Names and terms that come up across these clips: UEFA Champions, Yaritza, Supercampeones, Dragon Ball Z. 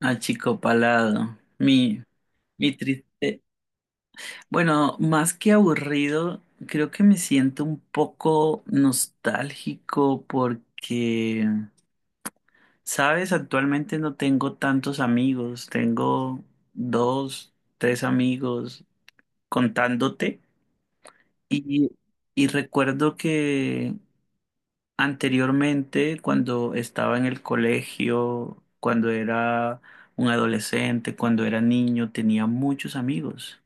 Achicopalado. Mi tri- Bueno, más que aburrido, creo que me siento un poco nostálgico porque sabes, actualmente no tengo tantos amigos, tengo dos, tres amigos contándote y, y recuerdo que anteriormente cuando estaba en el colegio, cuando era un adolescente, cuando era niño, tenía muchos amigos.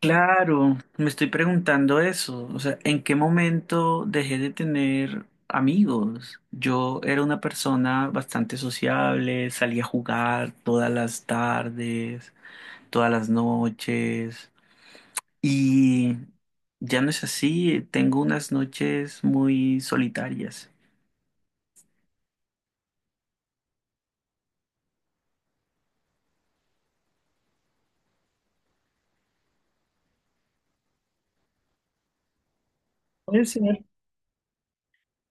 Claro, me estoy preguntando eso, o sea, ¿en qué momento dejé de tener amigos? Yo era una persona bastante sociable, salía a jugar todas las tardes, todas las noches, y ya no es así, tengo unas noches muy solitarias. Puede ser.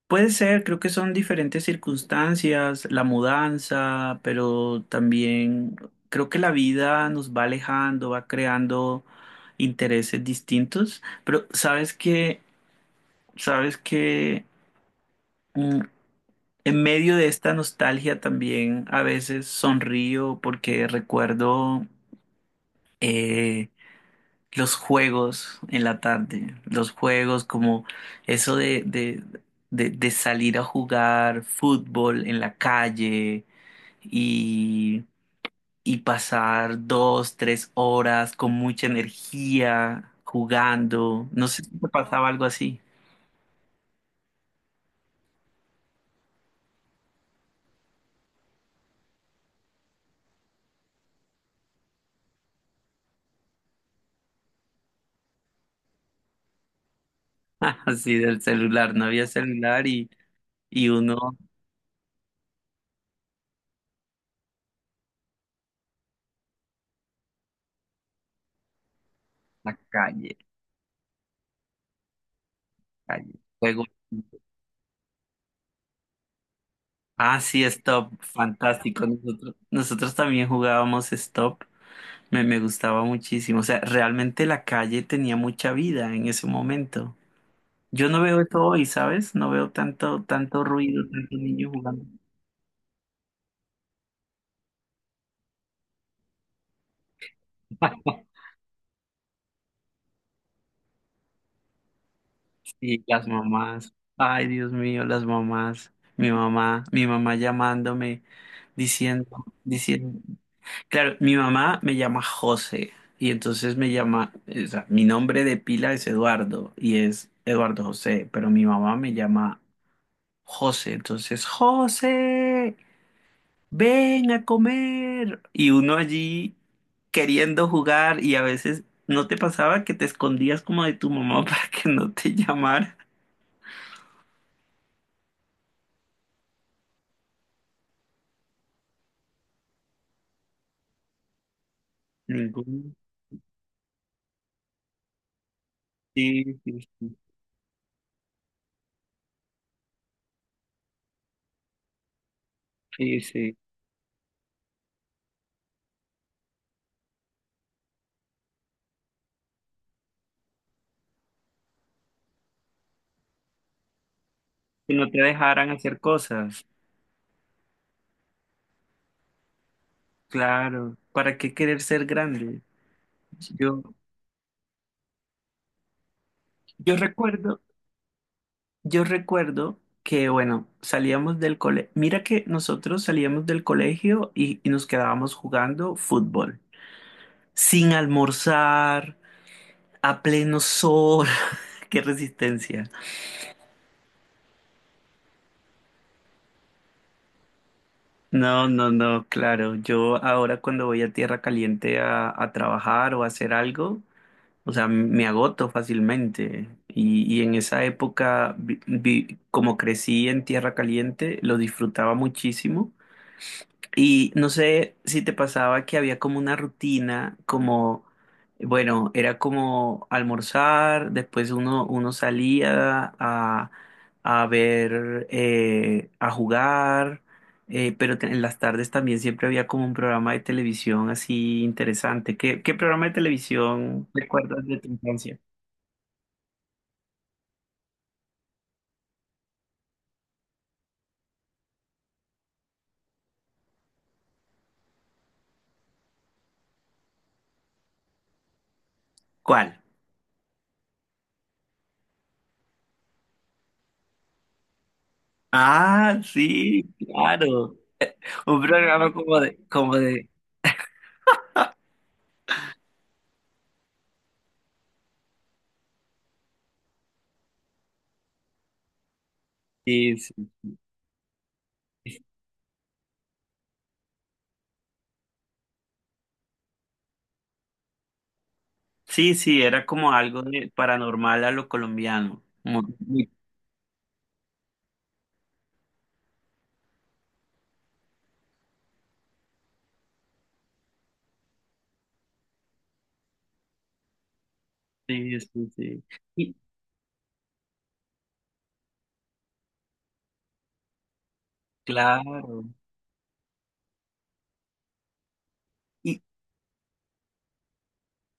Puede ser, creo que son diferentes circunstancias, la mudanza, pero también creo que la vida nos va alejando, va creando intereses distintos, pero sabes que, sabes que mm, en medio de esta nostalgia también a veces sonrío porque recuerdo eh, los juegos en la tarde, los juegos como eso de salir a jugar fútbol en la calle y, y pasar dos, tres horas con mucha energía jugando. No sé si te pasaba algo así. Así del celular, no había celular y uno la calle, calle, juego. Ah, sí, Stop, fantástico. Nosotros también jugábamos Stop. Me gustaba muchísimo. O sea, realmente la calle tenía mucha vida en ese momento. Yo no veo eso hoy, ¿sabes? No veo tanto, tanto ruido, tanto niño jugando. Sí, las mamás. Ay, Dios mío, las mamás. Mi mamá llamándome, diciendo, diciendo. Claro, mi mamá me llama José y entonces me llama, o sea, mi nombre de pila es Eduardo y es Eduardo José, pero mi mamá me llama José, entonces José. Ven a comer. Y uno allí queriendo jugar y a veces no te pasaba que te escondías como de tu mamá para que no te llamara. Ningún. Sí, sí, sí, sí, sí. Que no te dejaran hacer cosas. Claro, ¿para qué querer ser grande? Yo, yo recuerdo, yo recuerdo que, bueno, salíamos del colegio. Mira que nosotros salíamos del colegio y nos quedábamos jugando fútbol, sin almorzar. A pleno sol, qué resistencia. No, no, no, claro. Yo ahora cuando voy a tierra caliente a trabajar o a hacer algo, o sea, me agoto fácilmente. Y en esa época, como crecí en tierra caliente, lo disfrutaba muchísimo. Y no sé si te pasaba que había como una rutina, como, bueno, era como almorzar, después uno salía a ver, a jugar, pero en las tardes también siempre había como un programa de televisión así interesante. ¿Qué programa de televisión recuerdas de tu infancia? ¿Cuál? Ah, sí, claro. Un programa como de, sí, sí. Sí, sí, era como algo de paranormal a lo colombiano. Muy- Sí, sí, sí. Y claro. Y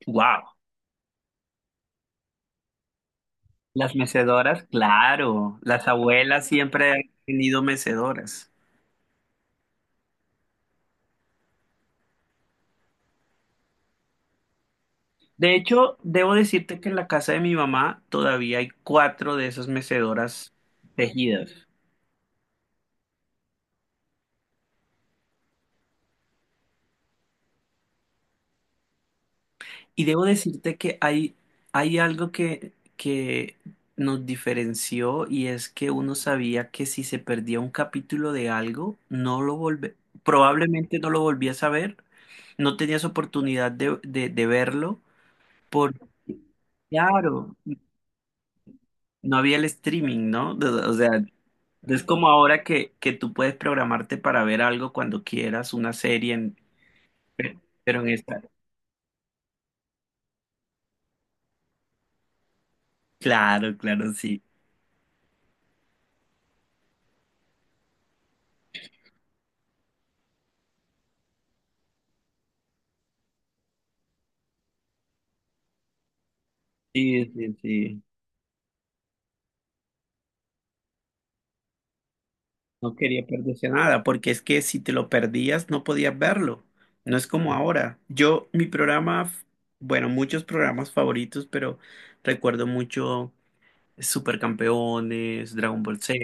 wow, las mecedoras, claro. Las abuelas siempre han tenido mecedoras. De hecho, debo decirte que en la casa de mi mamá todavía hay cuatro de esas mecedoras tejidas. Y debo decirte que hay algo que nos diferenció y es que uno sabía que si se perdía un capítulo de algo, probablemente no lo volvías a ver, no tenías oportunidad de verlo, porque claro, no había el streaming, ¿no? O sea, es como ahora que tú puedes programarte para ver algo cuando quieras, una serie, pero en esta. Claro, claro, sí. Sí, sí, sí. No quería perderse nada, porque es que si te lo perdías no podías verlo. No es como ahora. Yo, mi programa, f- bueno, muchos programas favoritos, pero recuerdo mucho Supercampeones, Dragon Ball Z,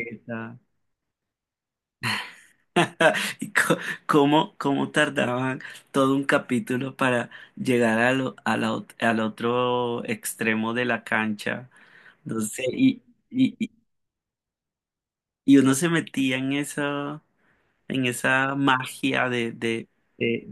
y co- cómo tardaban todo un capítulo para llegar a al otro extremo de la cancha. No sé, y y uno se metía en esa magia de-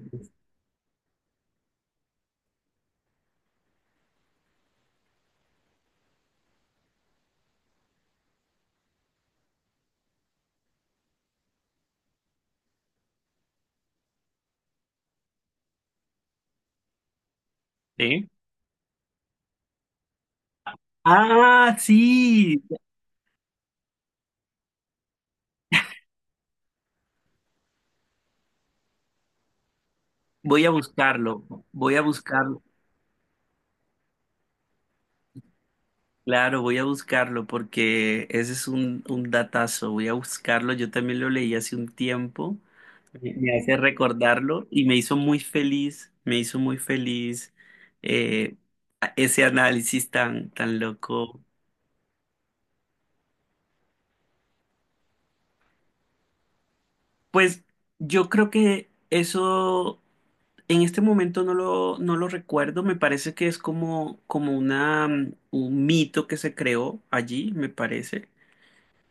¿Sí? Ah, sí, voy a buscarlo, voy a buscarlo, claro, voy a buscarlo porque ese es un datazo, voy a buscarlo, yo también lo leí hace un tiempo, me hace recordarlo y me hizo muy feliz, me hizo muy feliz eh, ese análisis tan, tan loco. Pues yo creo que eso. En este momento no lo recuerdo, me parece que es como, como una, mm, un mito que se creó allí, me parece.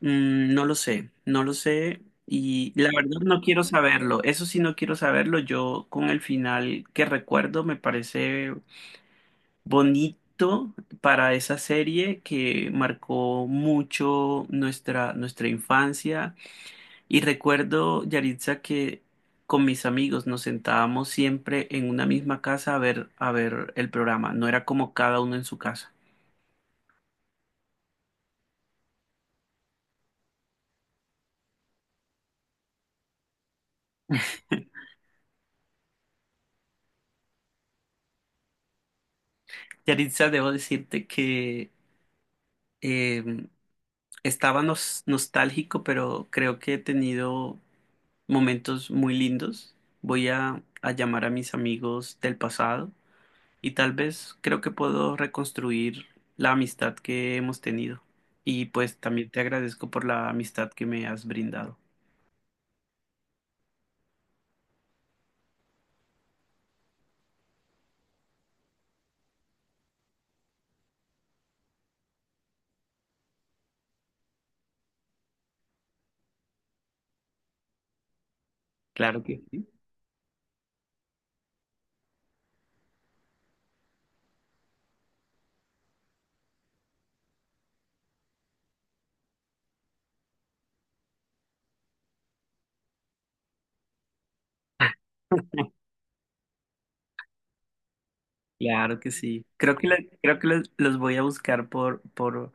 Mm, no lo sé, no lo sé y la verdad no quiero saberlo, eso sí no quiero saberlo, yo con el final que recuerdo me parece bonito para esa serie que marcó mucho nuestra infancia y recuerdo, Yaritza, que con mis amigos nos sentábamos siempre en una misma casa a ver el programa. No era como cada uno en su casa. Yaritza, debo decirte que eh, estaba nostálgico, pero creo que he tenido momentos muy lindos. Voy a llamar a mis amigos del pasado y tal vez creo que puedo reconstruir la amistad que hemos tenido. Y pues también te agradezco por la amistad que me has brindado. Claro que sí, claro que sí. Creo que, creo que los voy a buscar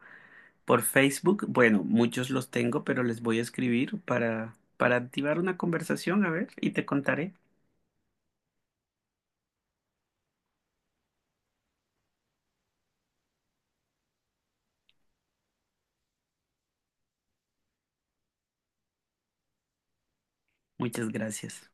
por Facebook. Bueno, muchos los tengo, pero les voy a escribir para activar una conversación, a ver, y te contaré. Muchas gracias.